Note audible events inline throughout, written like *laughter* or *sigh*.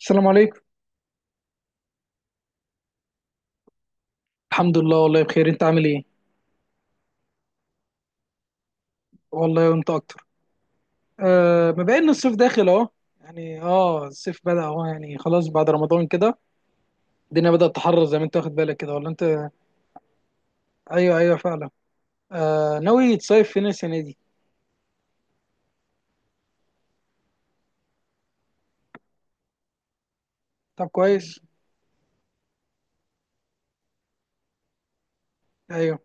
السلام عليكم. الحمد لله، والله بخير. انت عامل ايه؟ والله وانت اكتر. مبين ان الصيف داخل اهو. يعني الصيف بدأ اهو، يعني خلاص بعد رمضان كده. الدنيا بدأت تحرر، زي ما انت واخد بالك كده، ولا انت؟ ايوه، ايوه، فعلا. ناوي تصيف فين السنه دي؟ طب كويس. ايوه،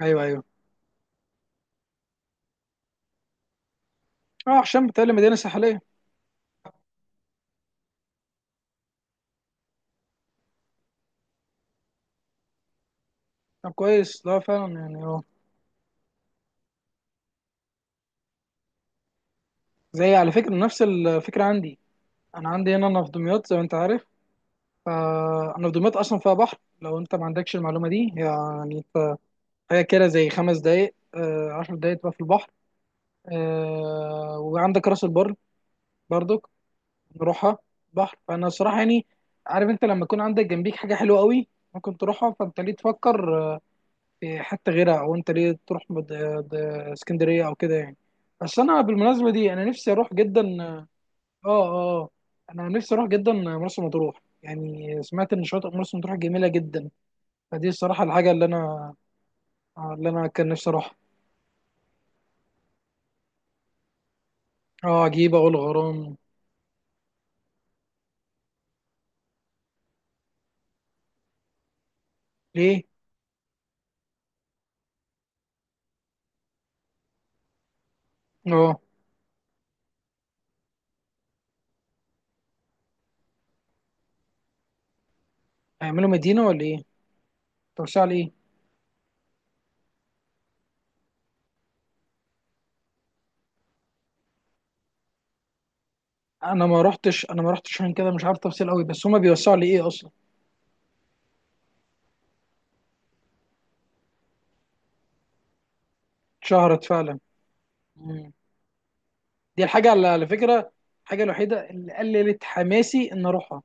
ايوه، ايوه. اه، عشان بتقال مدينه ساحليه. طب كويس. لا فعلا، يعني اه. زي على فكره، نفس الفكره عندي. انا عندي هنا، انا في دمياط زي ما انت عارف. فانا في دمياط اصلا فيها بحر، لو انت ما عندكش المعلومه دي، يعني انت. حاجة كده زي خمس دقايق، عشر دقايق تبقى في البحر. وعندك راس البر برضك، نروحها. بحر، فأنا صراحة يعني، عارف أنت، لما يكون عندك جنبيك حاجة حلوة قوي ممكن تروحها، فأنت ليه تفكر في حتة غيرها؟ أو أنت ليه تروح اسكندرية أو كده يعني؟ بس أنا بالمناسبة دي، أنا نفسي أروح جدا آه آه. أنا نفسي أروح جدا مرسى مطروح. يعني سمعت إن شاطئ مرسى مطروح جميلة جدا. فدي الصراحة الحاجة اللي أنا، اللي أنا كان نفسي أروحها. اه، عجيبة والغرام. ليه؟ اه. هيعملوا مدينة ولا ايه؟ توسعة لإيه؟ أنا ما رحتش عشان كده مش عارف تفاصيل قوي، بس هما بيوسعوا لإيه أصلا؟ اتشهرت فعلا. مم. دي الحاجة، على فكرة، الحاجة الوحيدة اللي قللت حماسي إن أروحها.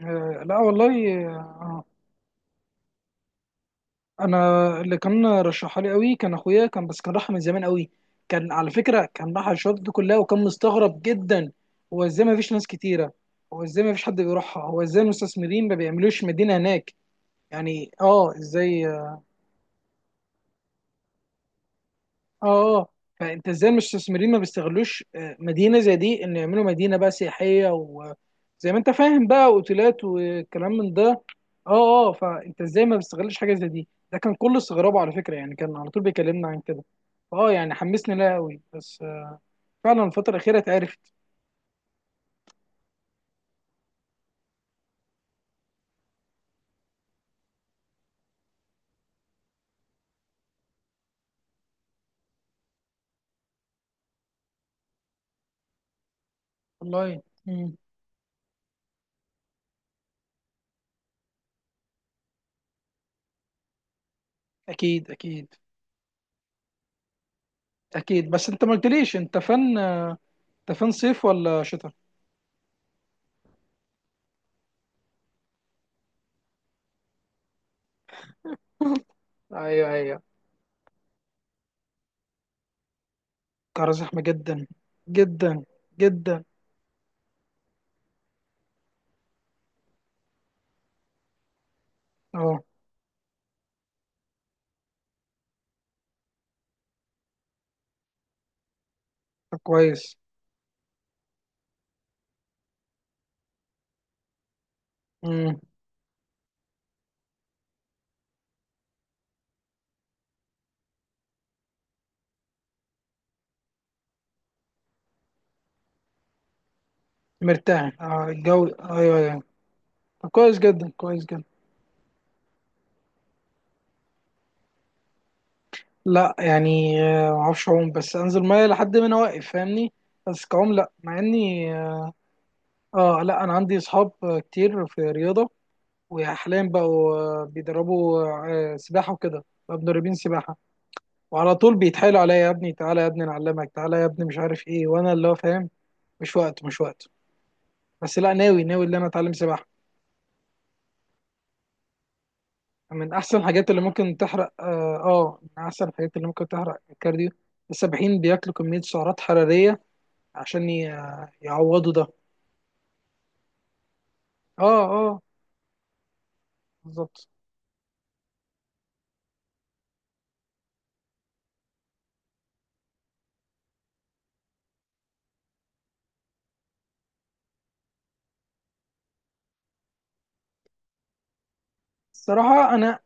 لا والله أنا. اللي كان رشحها لي قوي كان أخويا، كان بس كان راحها من زمان قوي. كان على فكرة كان راح الشواطئ دي كلها، وكان مستغرب جدا. هو إزاي ما فيش ناس كتيرة؟ هو إزاي ما فيش حد بيروحها؟ هو إزاي المستثمرين ما بيعملوش مدينة هناك؟ يعني ازاي. اه اه فانت ازاي المستثمرين ما بيستغلوش مدينه زي دي، ان يعملوا مدينه بقى سياحيه، وزي ما انت فاهم بقى اوتيلات والكلام من ده. اه فانت ازاي ما بيستغلش حاجه زي دي؟ ده كان كل استغرابه على فكره، يعني كان على طول بيكلمنا عن كده. اه يعني حمسني لها قوي، بس فعلا الفتره الاخيره اتعرفت. والله. مم. اكيد اكيد اكيد. بس انت ما قلتليش، انت فن، انت فن صيف ولا شتاء؟ *laughs* ايوه، ايوه. القاهره زحمه جدا جدا جدا. اه. طب كويس. مم. مرتاح، اه الجو. ايوه، ايوه. طب كويس جدا، كويس جدا. لا يعني، ما اعرفش اعوم، بس انزل ميه لحد ما انا واقف، فاهمني. بس كعوم لا، مع اني اه. لا انا عندي اصحاب كتير في رياضه، وحاليا بقوا بيدربوا سباحه وكده، بقوا مدربين سباحه. وعلى طول بيتحايلوا عليا: يا ابني تعالى، يا ابني نعلمك، تعالى يا ابني، مش عارف ايه، وانا اللي هو فاهم. مش وقت، مش وقت. بس لا، ناوي ان انا اتعلم سباحه. من احسن الحاجات اللي ممكن تحرق، اه. من احسن الحاجات اللي ممكن تحرق الكارديو. السباحين بياكلوا كمية سعرات حرارية عشان يعوضوا ده. اه، اه، بالظبط. الصراحة انا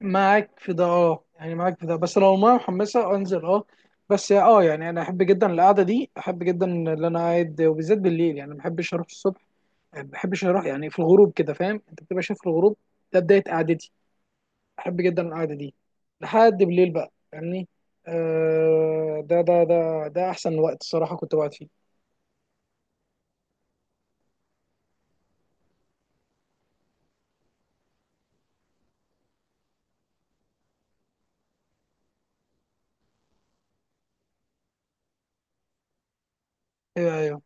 معاك في ده. اه يعني، معاك في ده، بس لو المية محمسة انزل، اه. بس يعني انا احب جدا القعدة دي، احب جدا اللي انا قاعد وبالذات بالليل. يعني ما بحبش اروح الصبح، ما بحبش اروح، يعني في الغروب كده، فاهم، انت بتبقى شايف الغروب، ده بداية قعدتي. بحب جدا القعده دي لحد بالليل بقى، فاهمني. ده احسن وقت الصراحه كنت بقعد فيه. ايوه، ايوه.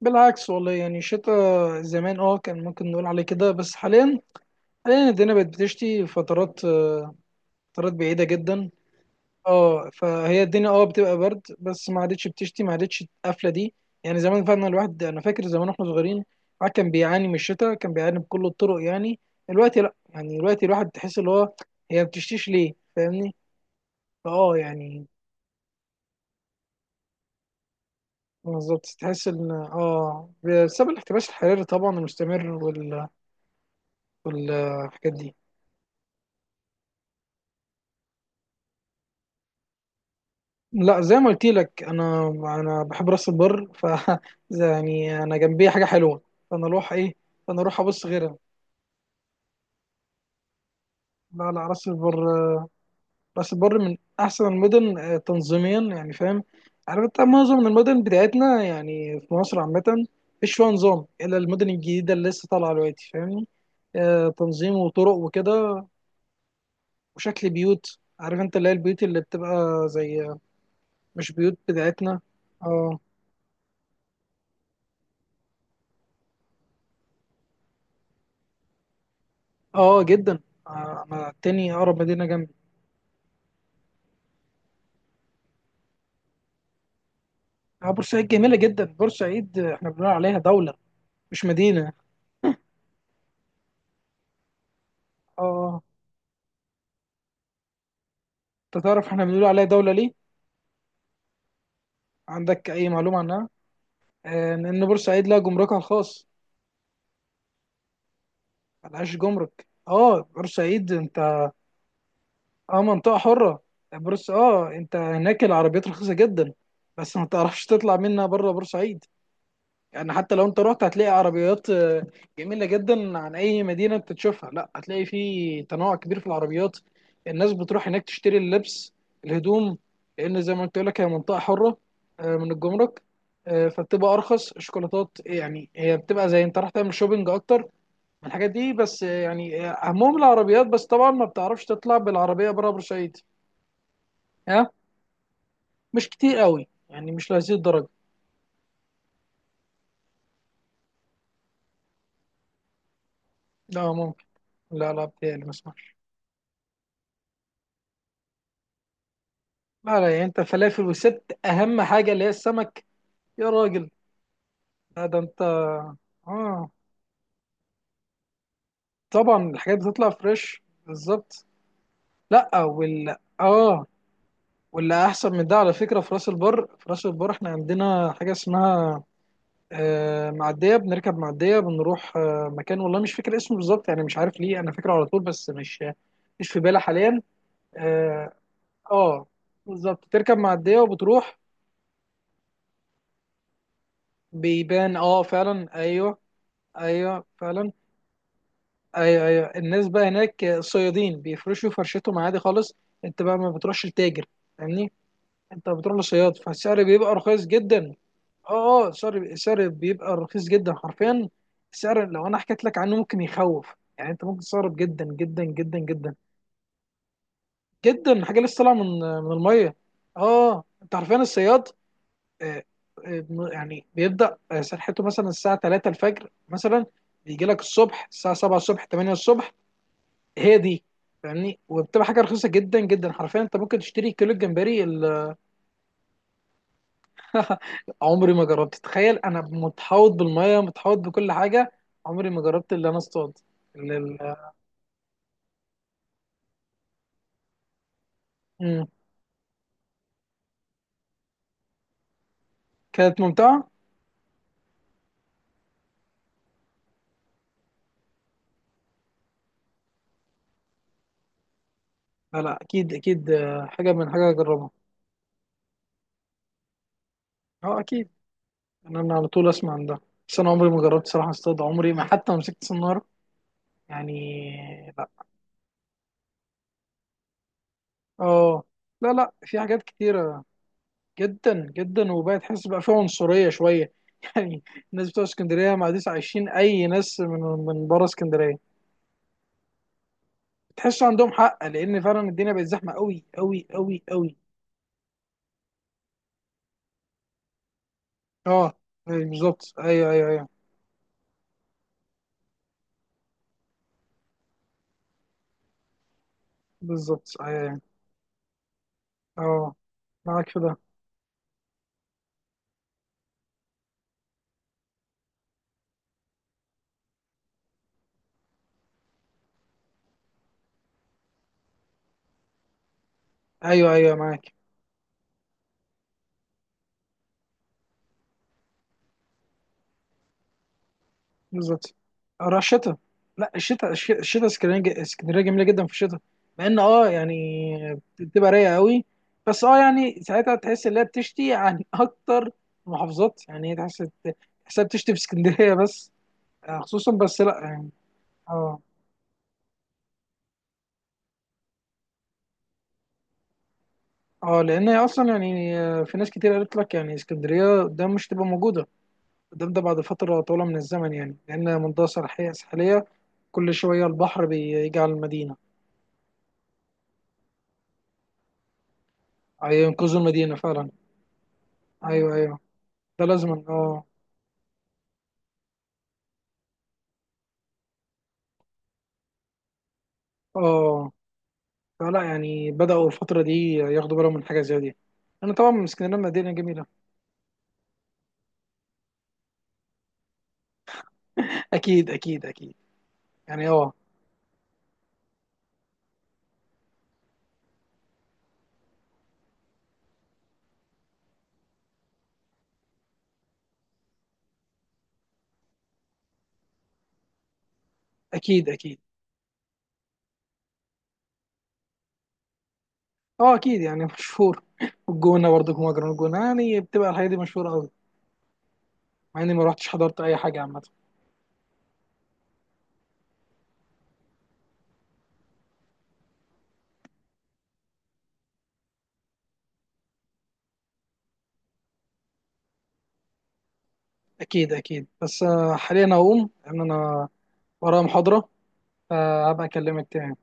بالعكس والله، يعني الشتاء زمان كان ممكن نقول عليه كده، بس حاليا، حاليا الدنيا بقت بتشتي فترات فترات بعيده جدا. اه، فهي الدنيا بتبقى برد، بس ما عادتش بتشتي، ما عادتش القفله دي. يعني زمان فعلا الواحد، انا فاكر زمان واحنا صغيرين الواحد كان بيعاني من الشتاء، كان بيعاني بكل الطرق يعني. دلوقتي لا، يعني دلوقتي الواحد تحس اللي هو، هي ما بتشتيش ليه، فاهمني. اه يعني، بالظبط، تحس ان بسبب الاحتباس الحراري طبعا المستمر والحاجات دي. لا زي ما قلت لك، انا بحب راس البر، ف *laughs* يعني انا جنبي حاجه حلوه، فانا اروح ايه، فانا اروح ابص غيرها. لا لا، راس البر. راس البر من احسن المدن تنظيميا، يعني فاهم، عارف انت، معظم المدن بتاعتنا يعني في مصر عامه مفيش فيها نظام الا المدن الجديده اللي لسه طالعه دلوقتي، فاهمني، تنظيم وطرق وكده وشكل بيوت. عارف انت اللي هي البيوت اللي بتبقى زي، مش بيوت بتاعتنا. اه، اه جدا. انا التاني اقرب مدينه جنبي. اه، بورسعيد جميله جدا. بورسعيد احنا بنقول عليها دوله، مش مدينه. اه، انت تعرف احنا بنقول عليها دوله ليه؟ عندك اي معلومه عنها؟ لان بورسعيد لها جمركها الخاص، ملهاش جمرك، اه بورسعيد انت، اه منطقه حره. بورس اه انت هناك العربيات رخيصه جدا، بس ما تعرفش تطلع منها بره بورسعيد. يعني حتى لو انت رحت هتلاقي عربيات جميلة جدا عن اي مدينة انت تشوفها. لا، هتلاقي في تنوع كبير في العربيات. الناس بتروح هناك تشتري اللبس، الهدوم، لان زي ما قلت لك هي منطقة حرة من الجمرك. فبتبقى ارخص الشوكولاتات، يعني هي بتبقى زي انت راح تعمل شوبينج اكتر من الحاجات دي، بس يعني اهمهم العربيات، بس طبعا ما بتعرفش تطلع بالعربية بره بورسعيد. ها، مش كتير قوي يعني، مش لهذه الدرجة. لا ممكن، لا لا بتهيألي ما اسمعش. لا لا، يعني انت فلافل وست، اهم حاجه اللي هي السمك، يا راجل. لا ده انت، اه، طبعا الحاجات بتطلع فريش بالظبط. لا واللي احسن من ده على فكره، في راس البر، احنا عندنا حاجه اسمها معديه، بنركب معديه بنروح مكان، والله مش فاكر اسمه بالظبط، يعني مش عارف ليه انا فاكره على طول، بس مش، مش في بالي حاليا. اه، آه، بالظبط، تركب معديه وبتروح. بيبان، اه فعلا. ايوه، ايوه فعلا. ايوه، ايوه. الناس بقى هناك صيادين بيفرشوا فرشتهم عادي خالص. انت بقى ما بتروحش لتاجر، فاهمني، انت بتروح لصياد، فالسعر بيبقى رخيص جدا. اه، اه. السعر بيبقى رخيص جدا حرفيا. السعر لو انا حكيت لك عنه ممكن يخوف، يعني انت ممكن تستغرب جدا جدا جدا جدا جدا. حاجه لسه طالعه من الميه. اه، انت حرفيا الصياد آه، آه، يعني بيبدا سرحته مثلا الساعه 3 الفجر مثلا، بيجي لك الصبح الساعه 7 الصبح، 8 الصبح. هي دي، فاهمني، وبتبقى حاجه رخيصه جدا جدا حرفيا، انت ممكن تشتري كيلو الجمبري *laughs* عمري ما جربت، تخيل انا متحوط بالميه، متحوط بكل حاجه. عمري ما جربت اللي انا اصطاد اللي ال- مم. كانت ممتعه. لا لا، اكيد اكيد، حاجه من حاجه اجربها. اه، اكيد، انا على طول اسمع عن ده، بس انا عمري ما جربت صراحه اصطاد، عمري ما حتى مسكت صناره يعني. لا، اه. لا لا، في حاجات كتير. جدا جدا، وبقى تحس بقى فيه عنصريه شويه *laughs* يعني، الناس بتوع اسكندريه ما عادش عايشين اي ناس من بره اسكندريه. تحس عندهم حق، لان فعلا الدنيا بقت زحمه قوي قوي قوي قوي. اه، أيوة بالظبط، ايوه، ايوه، ايوه. بالظبط، ايوه، ايوه. اه، معاك في ده. ايوه، ايوه معاك. بالظبط، اروح الشتاء. لا الشتاء، الشتاء اسكندريه، اسكندريه جميله جدا في الشتاء. مع ان يعني بتبقى رايقه قوي، بس يعني ساعتها تحس ان هي بتشتي عن *laughs* اكتر المحافظات. يعني هي تحس، تحسها بتشتي في اسكندريه *laughs* بس خصوصا، بس لا يعني. اه، اه، لان هي اصلا يعني في ناس كتير قالت لك يعني اسكندريه ده مش تبقى موجوده، ده بعد فتره طويله من الزمن، يعني لان منطقه ساحليه، ساحليه، كل شويه البحر بيجي على المدينه. هينقذوا المدينه فعلا. ايوه، ايوه، ده لازم، اه، اه. فلا يعني بدأوا الفترة دي ياخدوا بالهم من حاجة زي دي. انا طبعا من اسكندريه، مدينة جميلة. اكيد اكيد اكيد، يعني اكيد اكيد. اه اكيد، يعني *laughs* مشهور، والجونة برضه جمهور جرون الجونة. يعني بتبقى الحاجة دي مشهورة قوي، مع اني ما رحتش حضرت اي حاجة عامة. اكيد اكيد، بس حاليا اقوم لان انا ورايا محاضرة، فهبقى اكلمك تاني.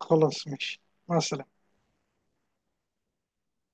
خلاص ماشي. مع السلامة.